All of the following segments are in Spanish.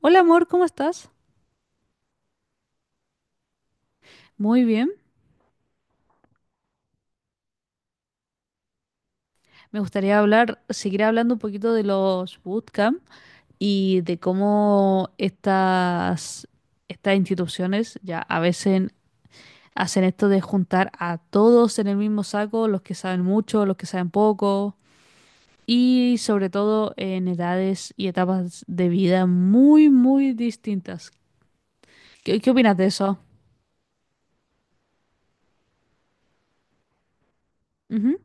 Hola amor, ¿cómo estás? Muy bien. Me gustaría hablar, seguir hablando un poquito de los bootcamp y de cómo estas instituciones ya a veces hacen esto de juntar a todos en el mismo saco, los que saben mucho, los que saben poco y sobre todo en edades y etapas de vida muy, muy distintas. ¿Qué opinas de eso? Ujú.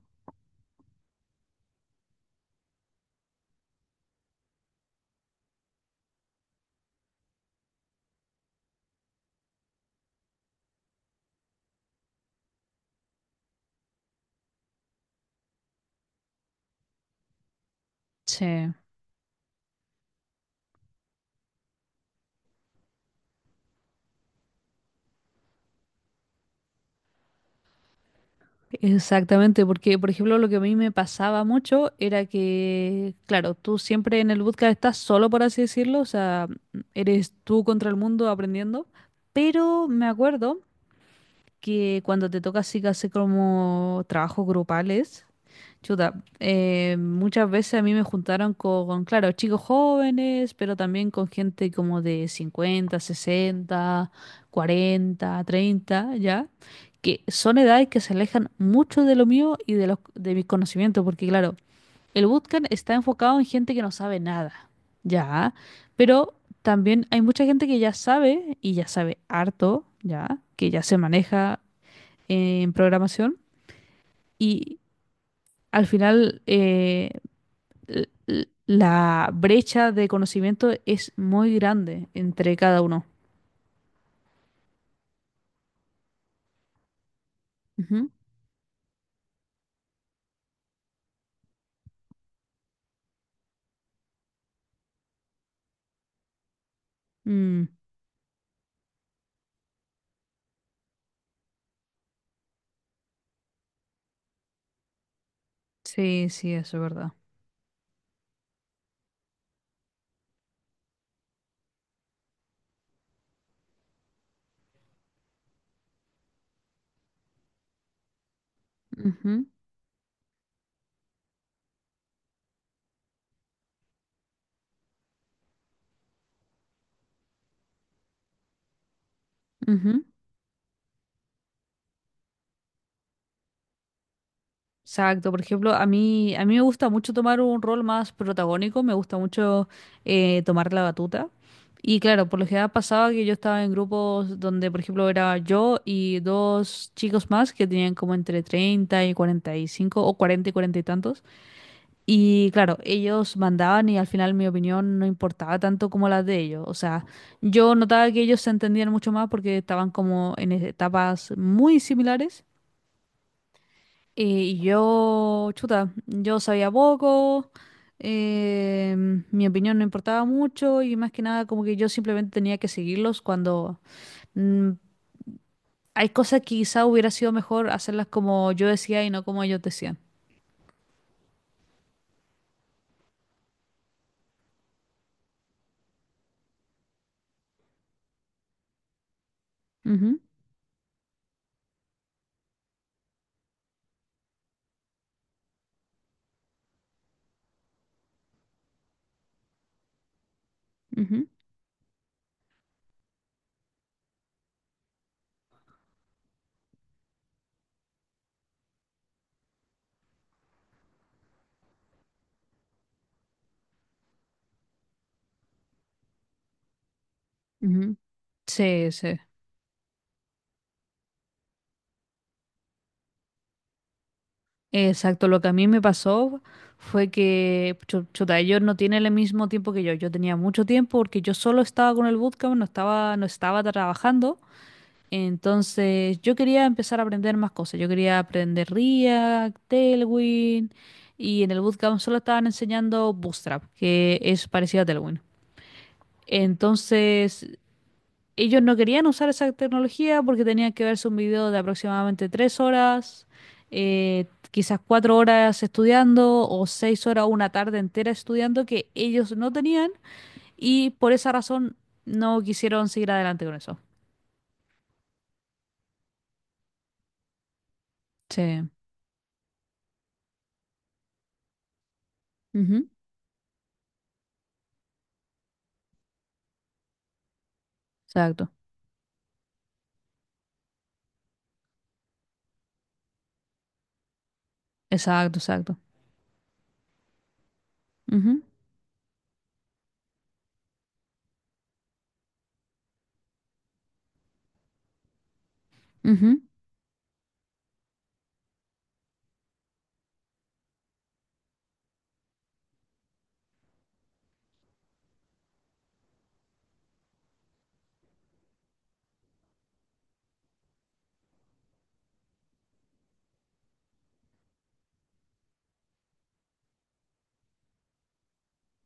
Sí. Exactamente, porque por ejemplo lo que a mí me pasaba mucho era que, claro, tú siempre en el bootcamp estás solo, por así decirlo, o sea, eres tú contra el mundo aprendiendo, pero me acuerdo que cuando te toca así que hacer como trabajos grupales, chuta, muchas veces a mí me juntaron con, claro, chicos jóvenes, pero también con gente como de 50, 60, 40, 30, ¿ya? Que son edades que se alejan mucho de lo mío y de los, de mis conocimientos, porque claro, el bootcamp está enfocado en gente que no sabe nada, ¿ya? Pero también hay mucha gente que ya sabe y ya sabe harto, ¿ya? Que ya se maneja en programación y al final la brecha de conocimiento es muy grande entre cada uno. Ujú. Mm, sí, sí, eso es verdad. Ujú, ujú. Exacto, por ejemplo, a mí me gusta mucho tomar un rol más protagónico, me gusta mucho tomar la batuta. Y claro, por lo general pasaba que yo estaba en grupos donde, por ejemplo, era yo y dos chicos más que tenían como entre 30 y 45 o 40 y 40 y tantos. Y claro, ellos mandaban y al final mi opinión no importaba tanto como la de ellos. O sea, yo notaba que ellos se entendían mucho más porque estaban como en etapas muy similares. Y yo, chuta, yo sabía poco, eh, mi opinión no importaba mucho y más que nada como que yo simplemente tenía que seguirlos cuando mm, hay cosas que quizá hubiera sido mejor hacerlas como yo decía y no como ellos decían. Ujú, ujú, ujú. Sí, sí. Exacto, lo que a mí me pasó fue que, chuta, ellos no tienen el mismo tiempo que yo. Yo tenía mucho tiempo porque yo solo estaba con el bootcamp, no estaba trabajando. Entonces, yo quería empezar a aprender más cosas. Yo quería aprender React, Tailwind, y en el bootcamp solo estaban enseñando Bootstrap, que es parecido a Tailwind. Entonces, ellos no querían usar esa tecnología porque tenían que verse un video de aproximadamente 3 horas, quizás 4 horas estudiando o 6 horas, una tarde entera estudiando que ellos no tenían y por esa razón no quisieron seguir adelante con eso. Sí. Ujú. Exacto. Exacto, exacto. Ujú, ujú.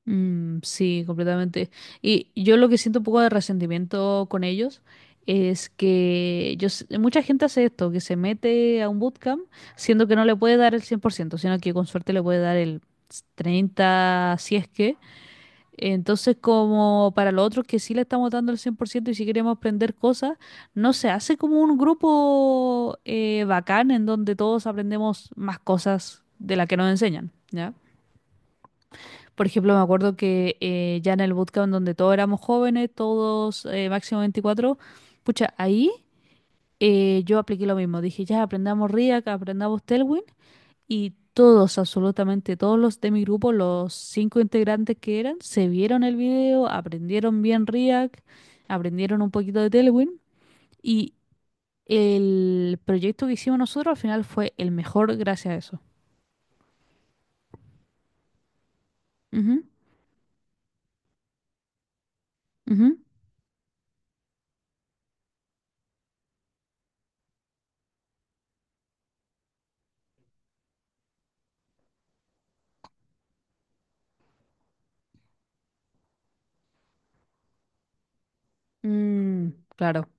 Mm, sí, completamente. Y yo lo que siento un poco de resentimiento con ellos es que yo, mucha gente hace esto, que se mete a un bootcamp siendo que no le puede dar el 100%, sino que con suerte le puede dar el 30, si es que. Entonces, como para los otros que sí le estamos dando el 100% y si queremos aprender cosas, no se hace como un grupo bacán en donde todos aprendemos más cosas de las que nos enseñan, ¿ya? Por ejemplo, me acuerdo que ya en el bootcamp donde todos éramos jóvenes, todos máximo 24, pucha, ahí yo apliqué lo mismo. Dije, ya aprendamos React, aprendamos Tailwind y todos, absolutamente todos los de mi grupo, los cinco integrantes que eran, se vieron el video, aprendieron bien React, aprendieron un poquito de Tailwind y el proyecto que hicimos nosotros al final fue el mejor gracias a eso. Ujú, ujú. Mm, claro.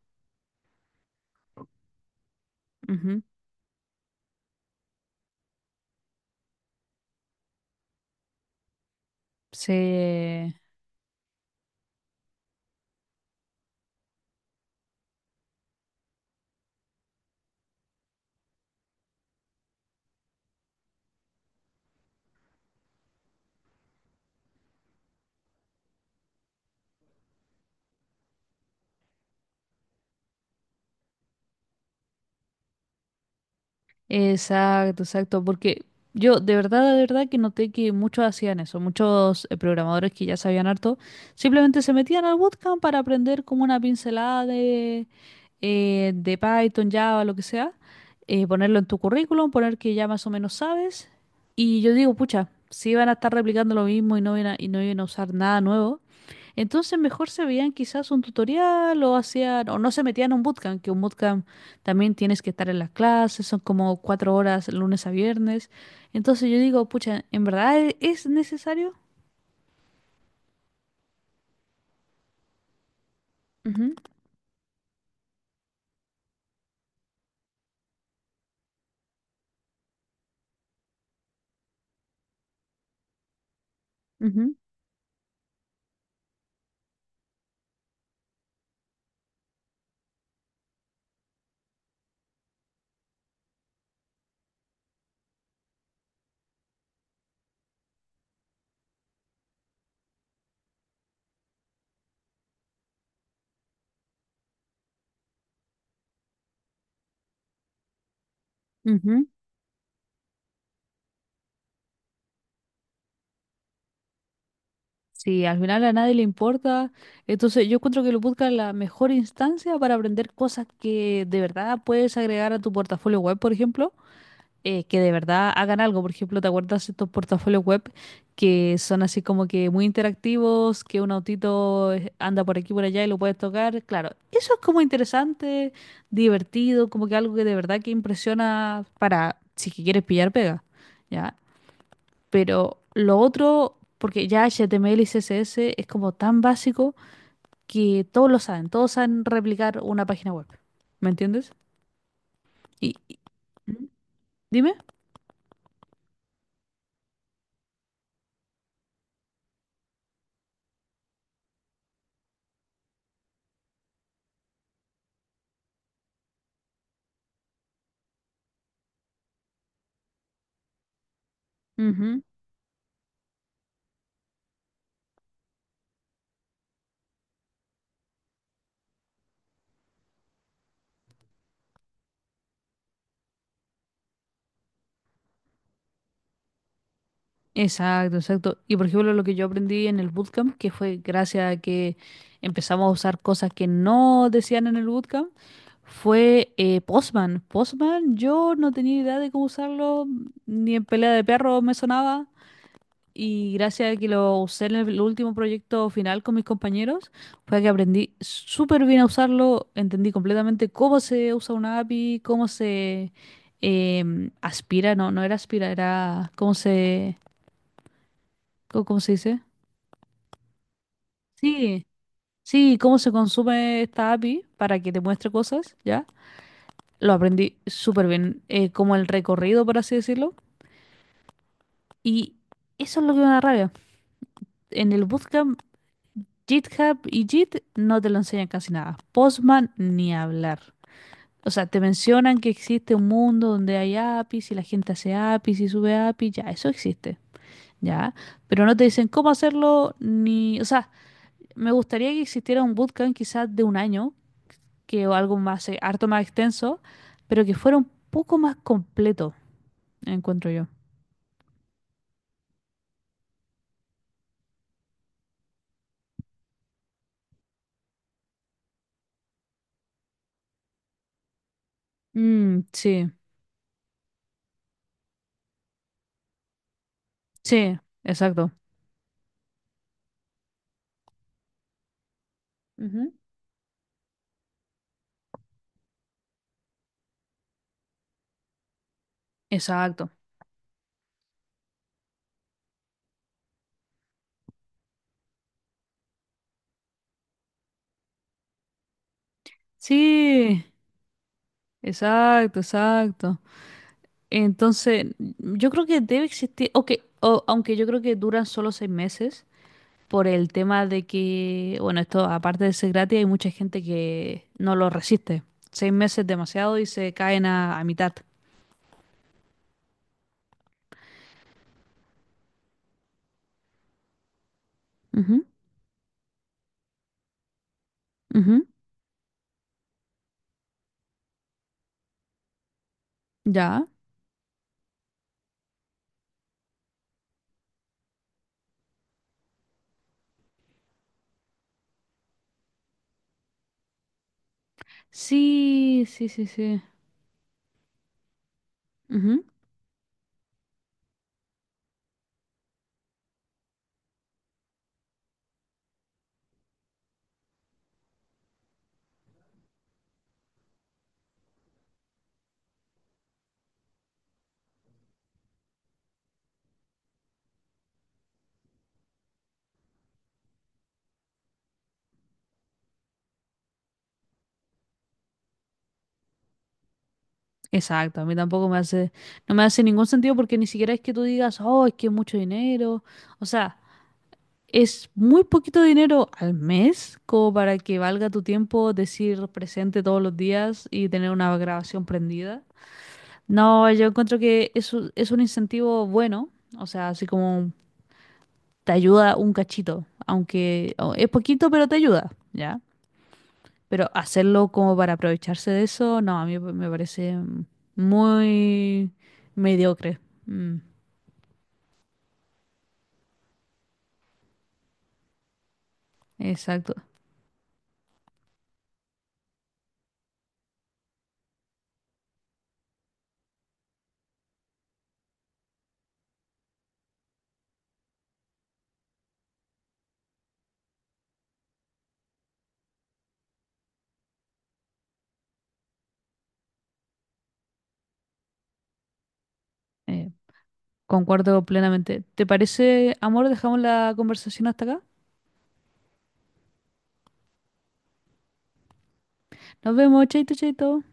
Ujú. Se Exacto, exacto, porque yo de verdad que noté que muchos hacían eso, muchos programadores que ya sabían harto, simplemente se metían al bootcamp para aprender como una pincelada de Python, Java, lo que sea, ponerlo en tu currículum, poner que ya más o menos sabes, y yo digo, pucha, si van a estar replicando lo mismo y y no iban a usar nada nuevo, entonces mejor se veían quizás un tutorial o hacían, o no se metían a un bootcamp, que un bootcamp también tienes que estar en las clases, son como 4 horas lunes a viernes. Entonces yo digo, pucha, ¿en verdad es necesario? Ujú, ujú, ujú. Sí, al final a nadie le importa. Entonces yo encuentro que lo bootcamp es la mejor instancia para aprender cosas que de verdad puedes agregar a tu portafolio web, por ejemplo. Que de verdad hagan algo. Por ejemplo, ¿te acuerdas de estos portafolios web que son así como que muy interactivos, que un autito anda por aquí, por allá y lo puedes tocar? Claro, eso es como interesante, divertido, como que algo que de verdad que impresiona para si que quieres pillar pega, ¿ya? Pero lo otro, porque ya HTML y CSS es como tan básico que todos lo saben, todos saben replicar una página web. ¿Me entiendes? Y, y- ¿Mm? Dime. Ujú. Exacto, exacto. Y por ejemplo, lo que yo aprendí en el bootcamp, que fue gracias a que empezamos a usar cosas que no decían en el bootcamp, fue Postman. Postman, yo no tenía idea de cómo usarlo, ni en pelea de perro me sonaba. Y gracias a que lo usé en el último proyecto final con mis compañeros, fue que aprendí súper bien a usarlo, entendí completamente cómo se usa una API, cómo se aspira, no, no era aspira, era cómo se ¿Cómo se dice? Sí, sí, cómo se consume esta API para que te muestre cosas, ¿ya? Lo aprendí súper bien, como el recorrido, por así decirlo. Y eso es lo que me da rabia. En el Bootcamp, GitHub y Git no te lo enseñan casi nada. Postman ni hablar. O sea, te mencionan que existe un mundo donde hay APIs y la gente hace APIs y sube APIs, ya, eso existe, ¿ya? Pero no te dicen cómo hacerlo ni... O sea, me gustaría que existiera un bootcamp quizás de un año que o algo más, harto más extenso, pero que fuera un poco más completo, encuentro yo. Mm, sí, sí, exacto. Ujú. Exacto. Sí, exacto, exacto. Entonces, yo creo que debe existir, ok, aunque yo creo que duran solo 6 meses, por el tema de que, bueno, esto aparte de ser gratis, hay mucha gente que no lo resiste. 6 meses es demasiado y se caen a mitad. Ujú, ujú, Ya. Sí, sí, sí, sí. Ujú. Exacto, a mí tampoco no me hace ningún sentido porque ni siquiera es que tú digas, oh, es que es mucho dinero. O sea, es muy poquito dinero al mes como para que valga tu tiempo decir presente todos los días y tener una grabación prendida. No, yo encuentro que es, es un incentivo bueno, o sea, así como te ayuda un cachito, aunque es poquito, pero te ayuda, ¿ya? Pero hacerlo como para aprovecharse de eso, no, a mí me parece muy mediocre. Mm, exacto. Eh, Concuerdo plenamente. ¿Te parece, amor? Dejamos la conversación hasta acá. Nos vemos, chaito, chaito.